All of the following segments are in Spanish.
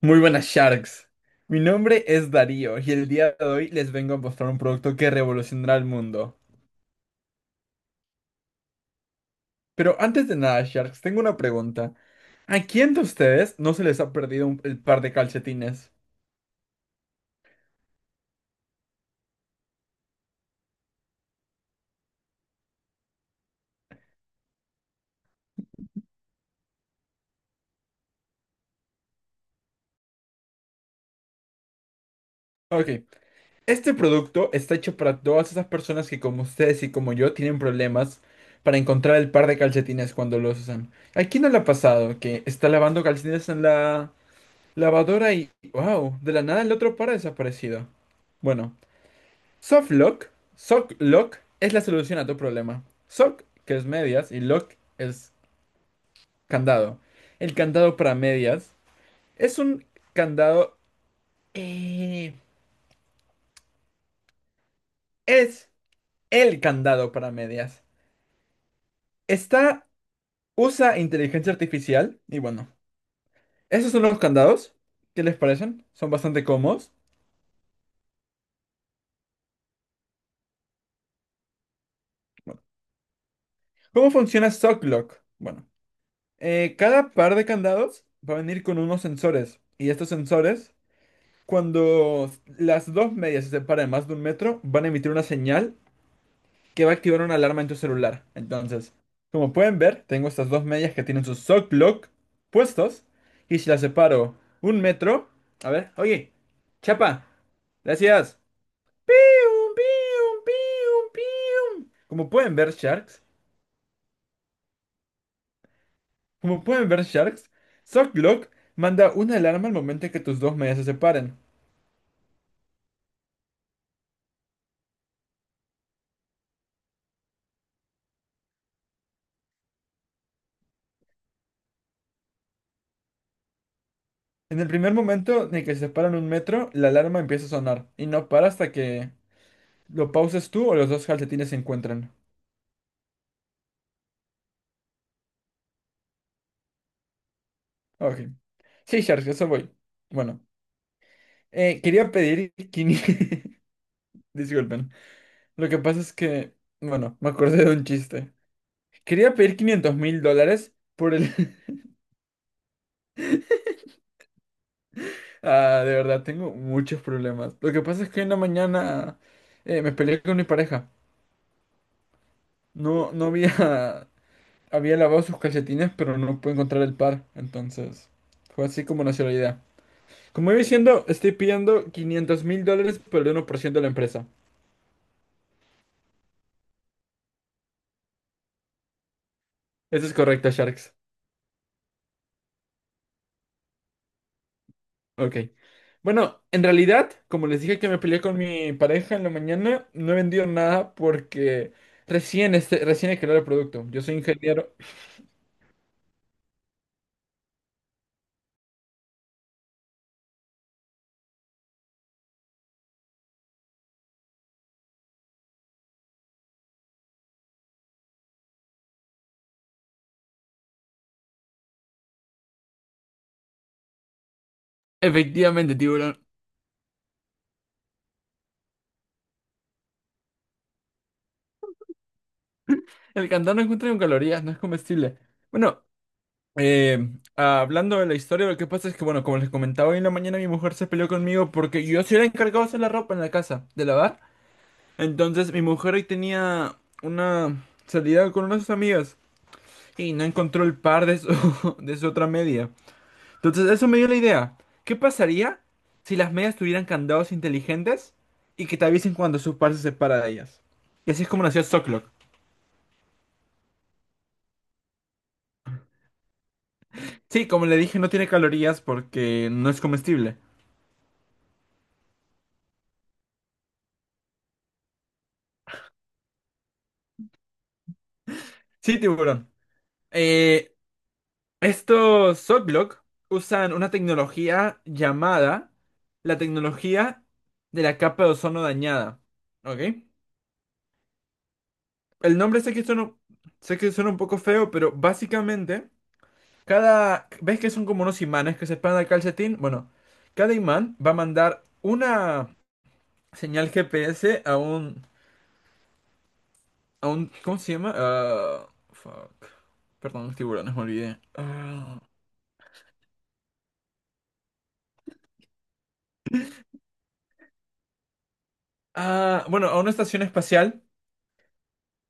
Muy buenas, Sharks. Mi nombre es Darío y el día de hoy les vengo a mostrar un producto que revolucionará el mundo. Pero antes de nada, Sharks, tengo una pregunta. ¿A quién de ustedes no se les ha perdido el par de calcetines? Ok, este producto está hecho para todas esas personas que, como ustedes y como yo, tienen problemas para encontrar el par de calcetines cuando los usan. ¿A quién no le ha pasado que está lavando calcetines en la lavadora y, wow, de la nada el otro par ha desaparecido? Bueno. Softlock, Softlock es la solución a tu problema. Sock, que es medias, y lock es candado. El candado para medias es un candado... eh, es el candado para medias. Está... usa inteligencia artificial y, bueno, esos son los candados. ¿Qué les parecen? Son bastante cómodos. Bueno, ¿cómo funciona Socklock? Bueno, cada par de candados va a venir con unos sensores, y estos sensores, cuando las dos medias se separan más de 1 metro, van a emitir una señal que va a activar una alarma en tu celular. Entonces, como pueden ver, tengo estas dos medias que tienen sus Sock Block puestos. Y si las separo 1 metro. A ver, oye, Chapa, gracias. Pium, pium, pium, pium. Como pueden ver, Sharks, como pueden ver, Sharks, Sock Block manda una alarma al momento en que tus dos medias se separen. En el primer momento en el que se paran 1 metro, la alarma empieza a sonar y no para hasta que lo pauses tú o los dos calcetines se encuentran. Ok. Sí, Charles, eso voy. Bueno, quería pedir 500... Disculpen. Lo que pasa es que, bueno, me acordé de un chiste. Quería pedir $500,000 por el... Ah, de verdad, tengo muchos problemas. Lo que pasa es que en la mañana me peleé con mi pareja. No, no había... había lavado sus calcetines, pero no pude encontrar el par. Entonces, fue así como nació la idea. Como iba diciendo, estoy pidiendo $500,000 por el 1% de la empresa. Eso es correcto, Sharks. Ok. Bueno, en realidad, como les dije, que me peleé con mi pareja en la mañana, no he vendido nada porque recién, este, recién he creado el producto. Yo soy ingeniero. Efectivamente, tiburón. El cantón no encuentra con calorías, no es comestible. Bueno, Eh, hablando de la historia, lo que pasa es que, bueno, como les comentaba, hoy en la mañana mi mujer se peleó conmigo porque yo sí era encargado de hacer la ropa en la casa, de lavar. Entonces, mi mujer hoy tenía una salida con unas de sus amigas y no encontró el par de su, de su otra media. Entonces, eso me dio la idea. ¿Qué pasaría si las medias tuvieran candados inteligentes y que te avisen cuando su par se separa de ellas? Y así es como nació Socklock. Sí, como le dije, no tiene calorías porque no es comestible. Sí, tiburón. Eh, Estos Softlock usan una tecnología llamada la tecnología de la capa de ozono dañada. ¿Ok? El nombre sé que suena un poco feo, pero básicamente, cada... ¿Ves que son como unos imanes que se pegan al calcetín? Bueno, cada imán va a mandar una señal GPS a un, ¿cómo se llama? Ah, fuck. Perdón, tiburones, me olvidé. Ah, bueno, a una estación espacial.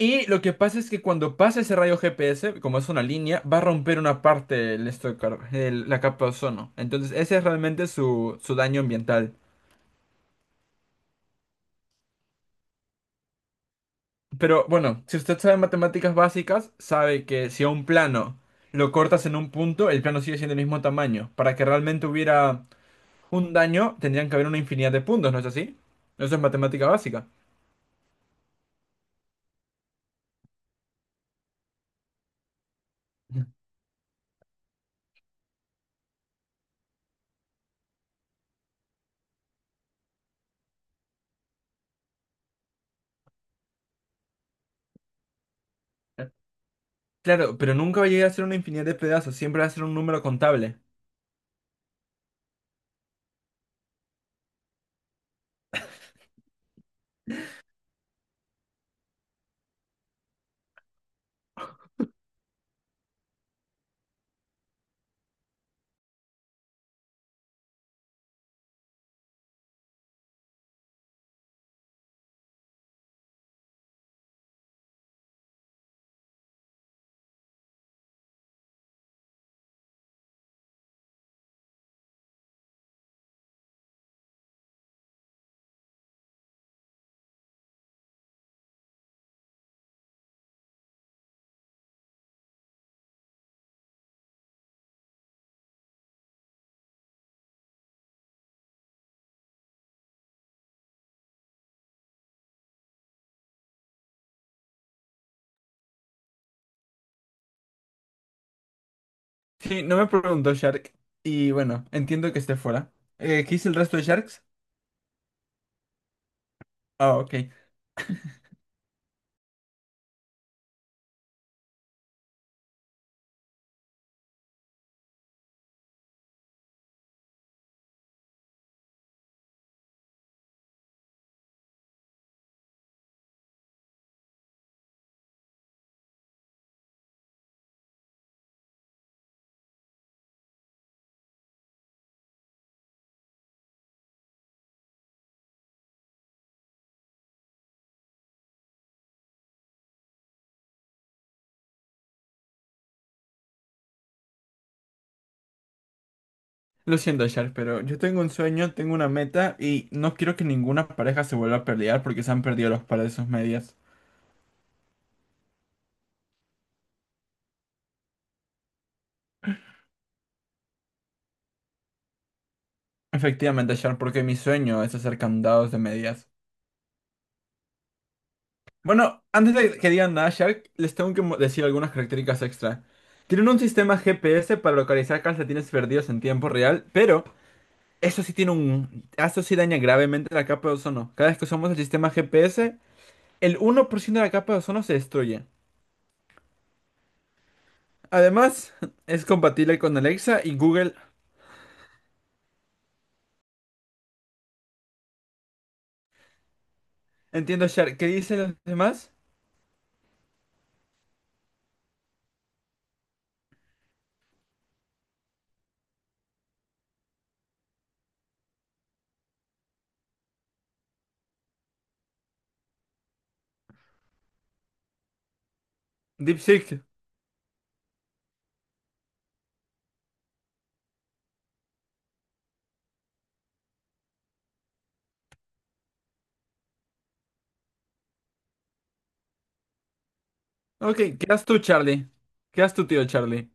Y lo que pasa es que cuando pasa ese rayo GPS, como es una línea, va a romper una parte del esto de la capa de ozono. Entonces, ese es realmente su daño ambiental. Pero bueno, si usted sabe matemáticas básicas, sabe que si a un plano lo cortas en un punto, el plano sigue siendo el mismo tamaño. Para que realmente hubiera un daño, tendrían que haber una infinidad de puntos, ¿no es así? Eso es matemática básica. Claro, pero nunca va a llegar a ser una infinidad de pedazos, siempre va a ser un número contable. Sí, no me preguntó, Shark. Y bueno, entiendo que esté fuera. ¿Qué hice el resto de Sharks? Ah, ok. Lo siento, Shark, pero yo tengo un sueño, tengo una meta y no quiero que ninguna pareja se vuelva a pelear porque se han perdido los pares de sus medias. Efectivamente, Shark, porque mi sueño es hacer candados de medias. Bueno, antes de que digan nada, Shark, les tengo que decir algunas características extra. Tienen un sistema GPS para localizar calcetines perdidos en tiempo real, pero eso sí tiene un... Eso sí daña gravemente la capa de ozono. Cada vez que usamos el sistema GPS, el 1% de la capa de ozono se destruye. Además, es compatible con Alexa y Google. Entiendo, Char. ¿Qué dicen los demás? DeepSeek. Ok, ¿qué haces tú, Charlie? ¿Qué haces tú, tío Charlie?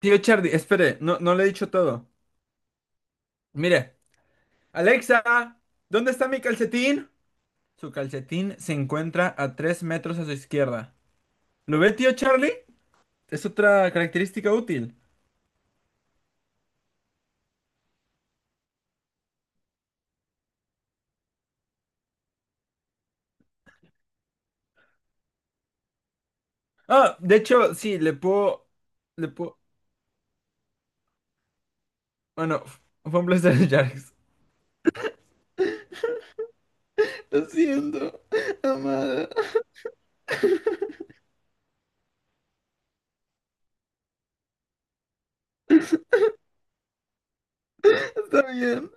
Tío Charlie, espere, no, no le he dicho todo. Mire, Alexa, ¿dónde está mi calcetín? Su calcetín se encuentra a 3 metros a su izquierda. ¿Lo ve, tío Charlie? Es otra característica útil. Ah, de hecho, sí, le puedo... Le puedo... Bueno, fue un placer, Charles. Lo siento, amada. Está bien.